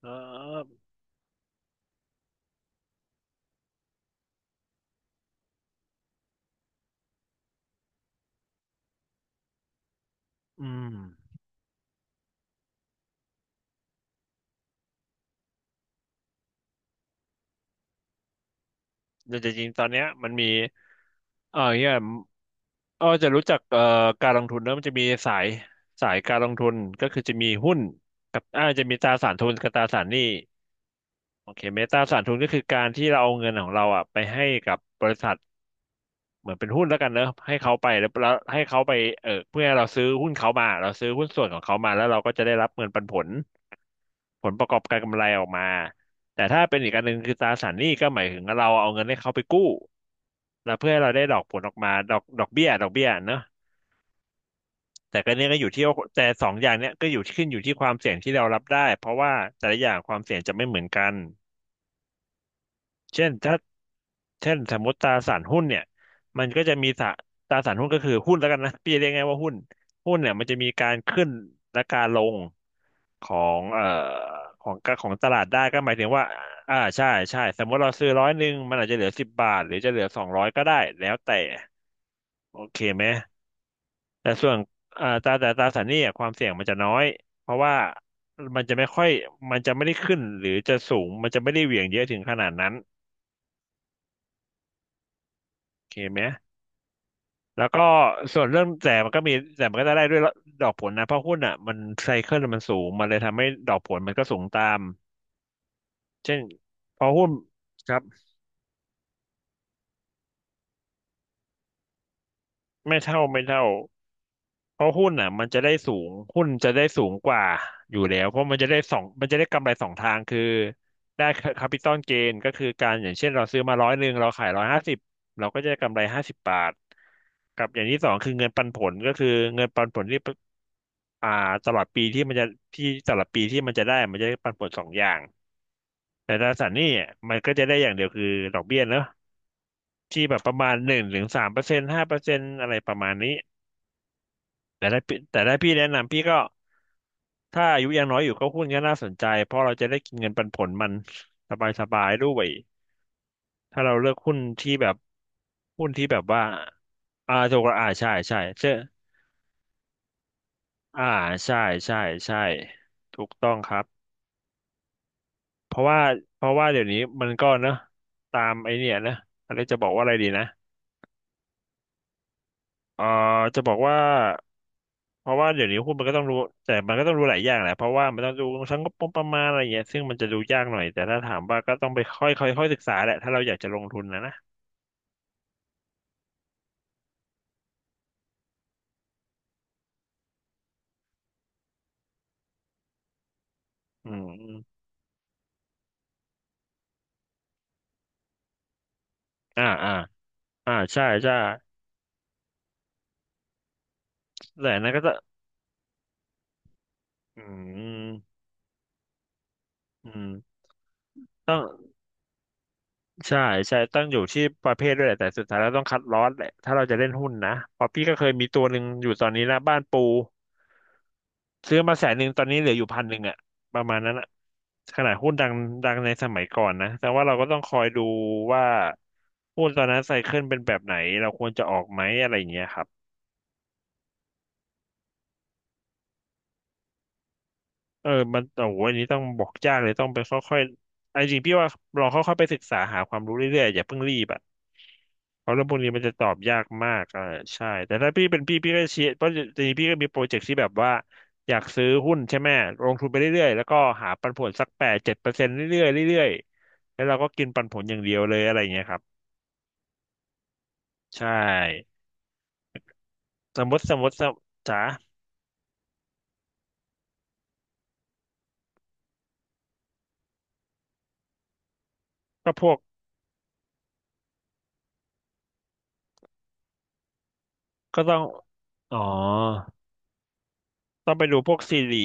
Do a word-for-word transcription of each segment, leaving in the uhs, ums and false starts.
เอออืมแต่จริงๆตอนเนี้ยมันมีเออเนี่ยอ้อจะรู้จักเอ่อการลงทุนเนอะมันจะมีสายสายการลงทุนก็คือจะมีหุ้นกับอ่าจะมีตราสารทุนกับตราสารหนี้โอเคไหมตราสารทุนก็คือการที่เราเอาเงินของเราอ่ะไปให้กับบริษัทเหมือนเป็นหุ้นแล้วกันเนอะให้เขาไปแล้วแล้วให้เขาไปเออเพื่อให้เราซื้อหุ้นเขามาเราซื้อหุ้นส่วนของเขามาแล้วเราก็จะได้รับเงินปันผล ผลประกอบการกำไรออกมาแต่ถ้าเป็นอีกอันหนึ่งคือตราสารหนี้ก็หมายถึงเราเอาเงินให้เขาไปกู้แล้วเพื่อให้เราได้ดอกผลออกมาดอกดอกเบี้ยดอกเบี้ยเนอะแต่ก็เนี้ยก็อยู่ที่ว่าแต่สองอย่างเนี้ยก็อยู่ขึ้นอยู่ที่ความเสี่ยงที่เรารับได้เพราะว่าแต่ละอย่างความเสี่ยงจะไม่เหมือนกันเช่นถ้าเช่นสมมติตราสารหุ้นเนี่ยมันก็จะมีสะตราสารหุ้นก็คือหุ้นแล้วกันนะพี่จะเรียกง่ายว่าหุ้นหุ้นเนี่ยมันจะมีการขึ้นและการลง ของเอ่อของของตลาดได้ก็หมายถึงว่าอ่าใช่ใช่สมมติเราซื้อร้อยหนึ่งมันอาจจะเหลือสิบบาทหรือจะเหลือสองร้อยก็ได้แล้วแต่โอเคไหมแต่ส่วนอ่าตราแต่ตราสารหนี้อะความเสี่ยงมันจะน้อยเพราะว่ามันจะไม่ค่อยมันจะไม่ได้ขึ้นหรือจะสูงมันจะไม่ได้เหวี่ยงเยอะถึงขนาดนั้นโอเคไหมแล้วก็ส่วนเรื่องแต่มันก็มีแต่มันก็ได้ด้วยดอกผลนะเพราะหุ้นอ่ะมันไซเคิลมันสูงมันเลยทำให้ดอกผลมันก็สูงตามเช่นพอหุ้นครับ ไม่เท่าไม่เท่าเพราะหุ้นอ่ะมันจะได้สูงหุ้นจะได้สูงกว่าอยู่แล้วเพราะมันจะได้สองมันจะได้กำไรสองทางคือได้แคปิตอลเกนก็คือการอย่างเช่นเราซื้อมาร้อยหนึ่งเราขายร้อยห้าสิบเราก็จะได้กำไรห้าสิบบาทกับอย่างที่สองคือเงินปันผลก็คือเงินปันผลที่อ่าตลอดปีที่มันจะที่ตลอดปีที่มันจะได้มันจะได้ปันผลสองอย่างแต่ตราสารหนี้อ่ะมันก็จะได้อย่างเดียวคือดอกเบี้ยเนอะที่แบบประมาณหนึ่งถึงสามเปอร์เซ็นต์ห้าเปอร์เซ็นต์อะไรประมาณนี้ แต่ได้พี่แต่ได้พี่แนะนำพี่ก็ถ้าอายุยังน้อยอยู่ก็หุ้นก็น่าสนใจเพราะเราจะได้กินเงินปันผลมันสบายสบายด้วยถ้าเราเลือกหุ้นที่แบบหุ้นที่แบบว่าอ่าถูกละอ่าใช่ใช่เชื่ออ่าใช่ใช่ใช่ถูกต้องครับเพราะว่าเพราะว่าเดี๋ยวนี้มันก็เนอะตามไอเนี่ยนะอะไรจะบอกว่าอะไรดีนะเอ่อจะบอกว่า เพราะว่าเดี๋ยวนี้หุ้นมันก็ต้องรู้แต่มันก็ต้องรู้หลายอย่างแหละเพราะว่ามันต้องดูทั้งงบประมาณอะไรเงี้ยซึ่งมันจะดูยากหน่อยแต่ถ้าถามว่าก็ต้องไปค่อยค่อยค่อยศึกษาแหละถ้าเราอยากจะลงทุนนะนะอืมอมอ่าอ่าอ่าใช่ใช่แต่นั้นก็จะอืมอืมต้องใช่ใช่ต้องอยู่ที่ประเภทด้วยแหละแต่สุดท้ายแล้วต้องคัดลอตแหละถ้าเราจะเล่นหุ้นนะเพอพี่ก็เคยมีตัวหนึ่งอยู่ตอนนี้นะบ้านปู ซื้อมาแสนหนึ่งตอนนี้เหลืออยู่พันหนึ่งอะประมาณนั้นอะขนาดหุ้นดังดังในสมัยก่อนนะแต่ว่าเราก็ต้องคอยดูว่าหุ้นตอนนั้นไซเคิลเป็นแบบไหนเราควรจะออกไหมอะไรอย่างเงี้ยครับ เออมันโอ้โหอันนี้ต้องบอกยากเลยต้องไปค่อยๆไอ้จริงพี่ว่าลองค่อยๆไปศึกษาหาความรู้เรื่อยๆอย่าเพิ่งรีบอ่ะเพราะเรื่องพวกนี้มันจะตอบยากมากอ่าใช่แต่ถ้าพี่เป็นพี่พี่ก็เชียร์เพราะจริงๆพี่ก็มีโปรเจกต์ที่แบบว่าอยากซื้อหุ้นใช่ไหมลงทุนไปเรื่อยๆแล้วก็หาปันผลสักแปดเจ็ดเปอร์เซ็นต์เรื่อยๆเรื่อยๆแล้วเราก็กินปันผลอย่างเดียวเลยอะไรอย่างเงี้ยครับใช่สมมติสมมติสมมติจ๋าก็พวกก็ต้องอ๋อ ต้องไปดูพวกซีรี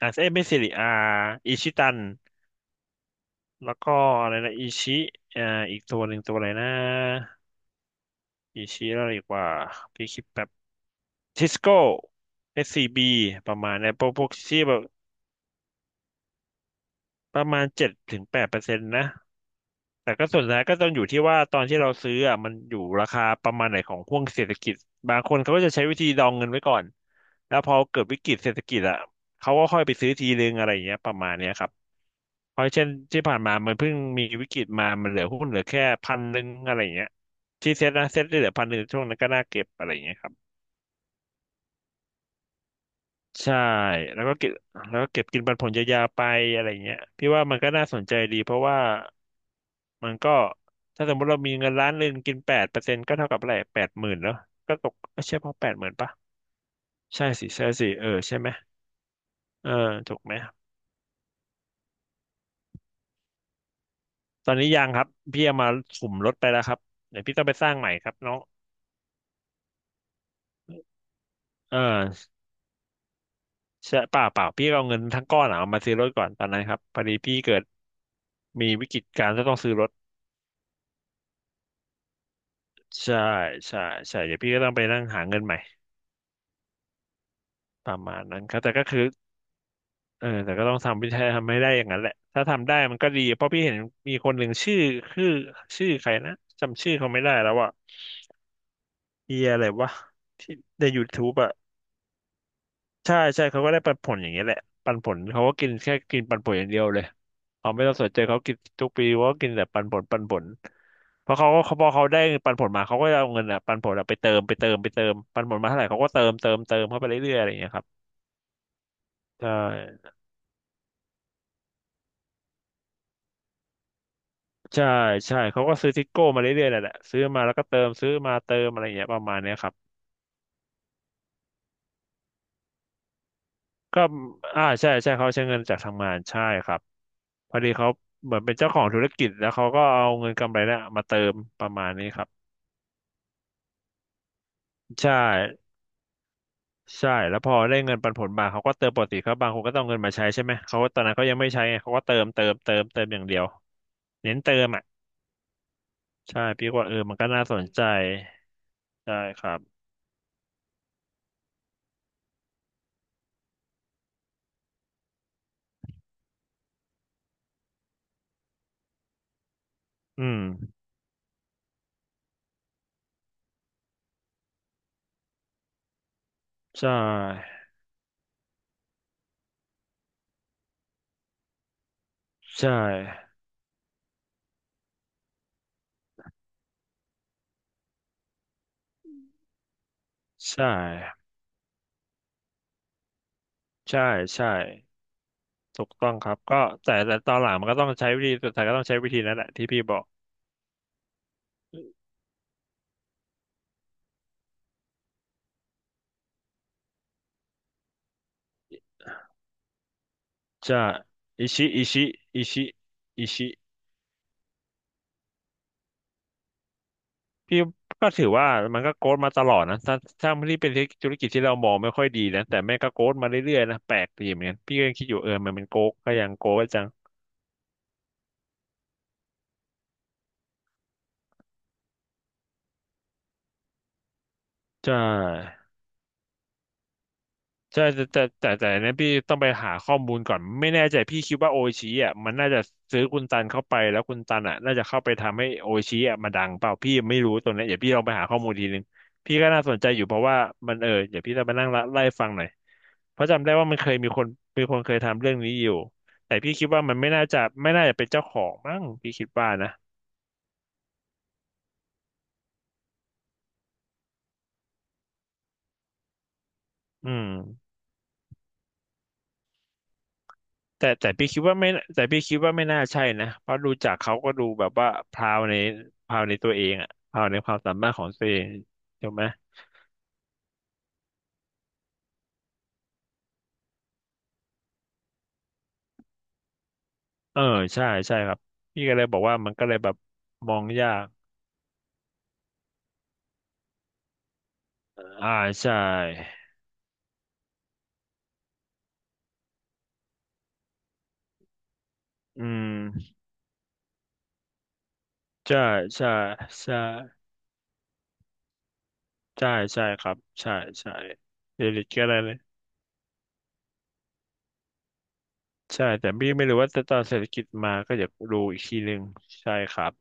อ่ะเอ้ยไม่ซีรีอาอิชิตันแล้วก็อะไรนะอิชิอ่าอีกตัวหนึ่งตัวอะไรนะอิชิแล้วอะไรอีกว่าพี่คิดแบบทิสโก้เอสซีบีประมาณเนี่ยพวกพวกที่แบบประมาณเจ็ดถึงแปดเปอร์เซ็นต์นะแต่ก็ส่วนใหญ่ก็ต้องอยู่ที่ว่าตอนที่เราซื้ออ่ะมันอยู่ราคาประมาณไหนของห่วงเศรษฐกิจบางคนเขาก็จะใช้วิธีดองเงินไว้ก่อนแล้วพอเกิดวิกฤตเศรษฐกิจอ่ะเขาก็ค่อยไปซื้อทีนึงอะไรอย่างเงี้ยประมาณเนี้ยครับ เพราะเช่นที่ผ่านมามันเพิ่งมีวิกฤตมา มันเหลือหุ้นเหลือแค่พันหนึ่งอะไรอย่างเงี้ยที่เซ็ตนะเซ็ตได้เหลือพันหนึ่งช่วงนั้นก็น่าเก็บอะไรอย่างเงี้ยครับใช่แล้วก็เก็บแล้วก็เก็บกินปันผลยาวๆไปอะไรเงี้ยพี่ว่ามันก็น่าสนใจดีเพราะว่ามันก็ถ้าสมมติเรามีเงินล้านหนึ่งกินแปดเปอร์เซ็นต์ก็เท่ากับอะไรแปดหมื่นแล้วก็ตกก็ใช่พอแปดหมื่นปะใช่สิใช่สิเออใช่ไหมเออถูกไหมตอนนี้ยังครับพี่เอามาสุ่มลดไปแล้วครับเดี๋ยวพี่ต้องไปสร้างใหม่ครับน้องเออ ใช่เปล่าเปล่าพี่เอาเงินทั้งก้อนอะเอามาซื้อรถก่อนตอนนั้นครับพอดีพี่เกิดมีวิกฤตการณ์ก็ต้องซื้อรถใช่ใช่ใช่เดี๋ยวพี่ก็ต้องไปนั่งหาเงินใหม่ประมาณนั้นครับแต่ก็คือเออแต่ก็ต้องทำวิธีทำให้ได้อย่างนั้นแหละถ้าทำได้มันก็ดีเพราะพี่เห็นมีคนหนึ่งชื่อชื่อชื่อใครนะจำชื่อเขาไม่ได้แล้วอะเฮียอะไรวะที่ใน YouTube อะ ใช่ใช่เขาก็ได้ปันผลอย่างเงี้ยแหละปันผลเขาก็กินแค่กินปันผลอย่างเดียวเลยเขาไม่ต้องสนใจเขากินทุกปีว่ากินแต่ปันผลปันผลเพราะเขาก็เขาพอเขาได้ปันผลมาเขาก็จะเอาเงินอ่ะปันผลอะไปเติมไปเติมไปเติมปันผลมาเท่าไหร่เขาก็เติมเติมเติมเข้าไปเรื่อยๆอะไรอย่างเงี้ยครับใช่ใช่ใช่เขาก็ซื้อทิกโก้มาเรื่อยๆนั่นแหละซื้อมาแล้วก็เติมซื้อมาเติมอะไรอย่างเงี้ยประมาณเนี้ยครับก็อ่าใช่ใช่เขาใช้เงินจากทางงานใช่ครับพอดีเขาเหมือนเป็นเจ้าของธุรกิจแล้วเขาก็เอาเงินกำไรเนี่ยมาเติมประมาณนี้ครับ ใช่ใช่แล้วพอได้เงินปันผลมาเขาก็เติมปกติเขาบางคนก็ต้องเอาเงินมาใช้ใช่ไหมเขาก็ตอนนั้นเขายังไม่ใช้ไงเขาก็เติมเติมเติมเติมอย่างเดียวเน้นเติมอ่ะใช่พี่กว่าเออมันก็น่าสนใจใช่ครับอืมใช่ใช่ใช่ใช่ใช่ถูกต้องครับก็แต่แต่ตอนหลังมันก็ต้องใช้วิธีสุดท้ายก็ต้องใช้วิธีนั้นแหละที่พี่บอกใช่อิชิอิชิอิชิอิชิ พี่ก็ถือว่ามันก็โกรธมาตลอดนะถ้าถ้าที่เป็นธุรกิจที่เรามองไม่ค่อยดีนะ แต่แม่งก็โกรธมาเรื่อยๆนะแปลกดีเหมือนกันพี่ก็ยังคิดอยู่เออมันเป็นโกรธก็ยังโกรธจังใช่ ใช่แต่แต่แต่แต่อันนั้นพี่ต้องไปหาข้อมูลก่อนไม่แน่ใจพี่คิดว่าโออิชิอ่ะมันน่าจะซื้อคุณตันเข้าไปแล้วคุณตันอ่ะน่าจะเข้าไปทำให้โออิชิอ่ะมาดังเปล่าพี่ไม่รู้ตรงนี้นเดี๋ยวพี่ลองไปหาข้อมูลทีนึงพี่ก็น่าสนใจอยู่เพราะว่ามันเออเดี๋ยวพี่จะไปนั่งไล่ฟังหน่อยเพราะจำได้ว่ามันเคยมีคนมีคนเคยทำเรื่องนี้อยู่แต่พี่คิดว่ามันไม่น่าจะไม่น่าจะเป็นเจ้าของมั้งพี่คิดว่านะอืม แต่แต่พี่คิดว่าไม่แต่พี่คิดว่าไม่น่าใช่นะเพราะดูจากเขาก็ดูแบบว่าพราวในพราวในตัวเองอะพราวในความสามารถของตัวเองถูกไหมเออใช่ใช่ครับพี่ก็เลยบอกว่ามันก็เลยแบบมองยากอ่าใช่อืมใช่ใช่ใช่ใช่ใช่ครับใช่ใช่เศรษฐกิจอะไรเลยใช่แต่พี่ไม่รู้ว่าจะตอนเศรษฐกิจมาก็อยากดูอีกทีหนึ่งใช่ครับ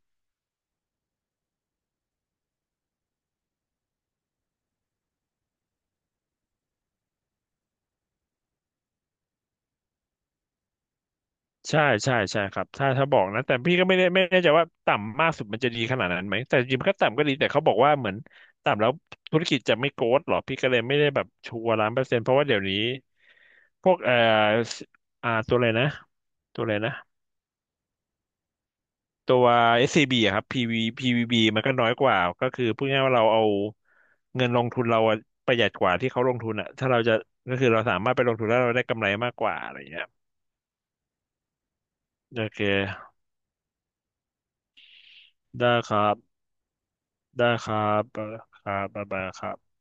ใช่ใช่ใช่ครับถ้าถ้าบอกนะแต่พี่ก็ไม่ได้ไม่แน่ใจว่าต่ำมากสุดมันจะดีขนาดนั้นไหมแต่จริงๆมันก็ต่ำก็ดีแต่เขาบอกว่าเหมือนต่ำแล้วธุรกิจจะไม่โกรธหรอพี่ก็เลยไม่ได้แบบชัวร์ล้านเปอร์เซ็นต์เพราะว่าเดี๋ยวนี้พวกเอ่ออ่าตัวอะไรนะตัวอะไรนะตัว เอส ซี บี อสซีบีอะครับ พี วี ีวีพีวีบ b มันก็น้อยกว่าก็คือพูดง่ายๆว่าเราเอาเงินลงทุนเราอะประหยัดกว่าที่เขาลงทุนอะถ้าเราจะก็คือเราสามารถไปลงทุนแล้วเราได้กำไรมากกว่าอะไรอย่างเงี้ยโอเคได้ครับ ได้ครับครับบ๊ายบายครับ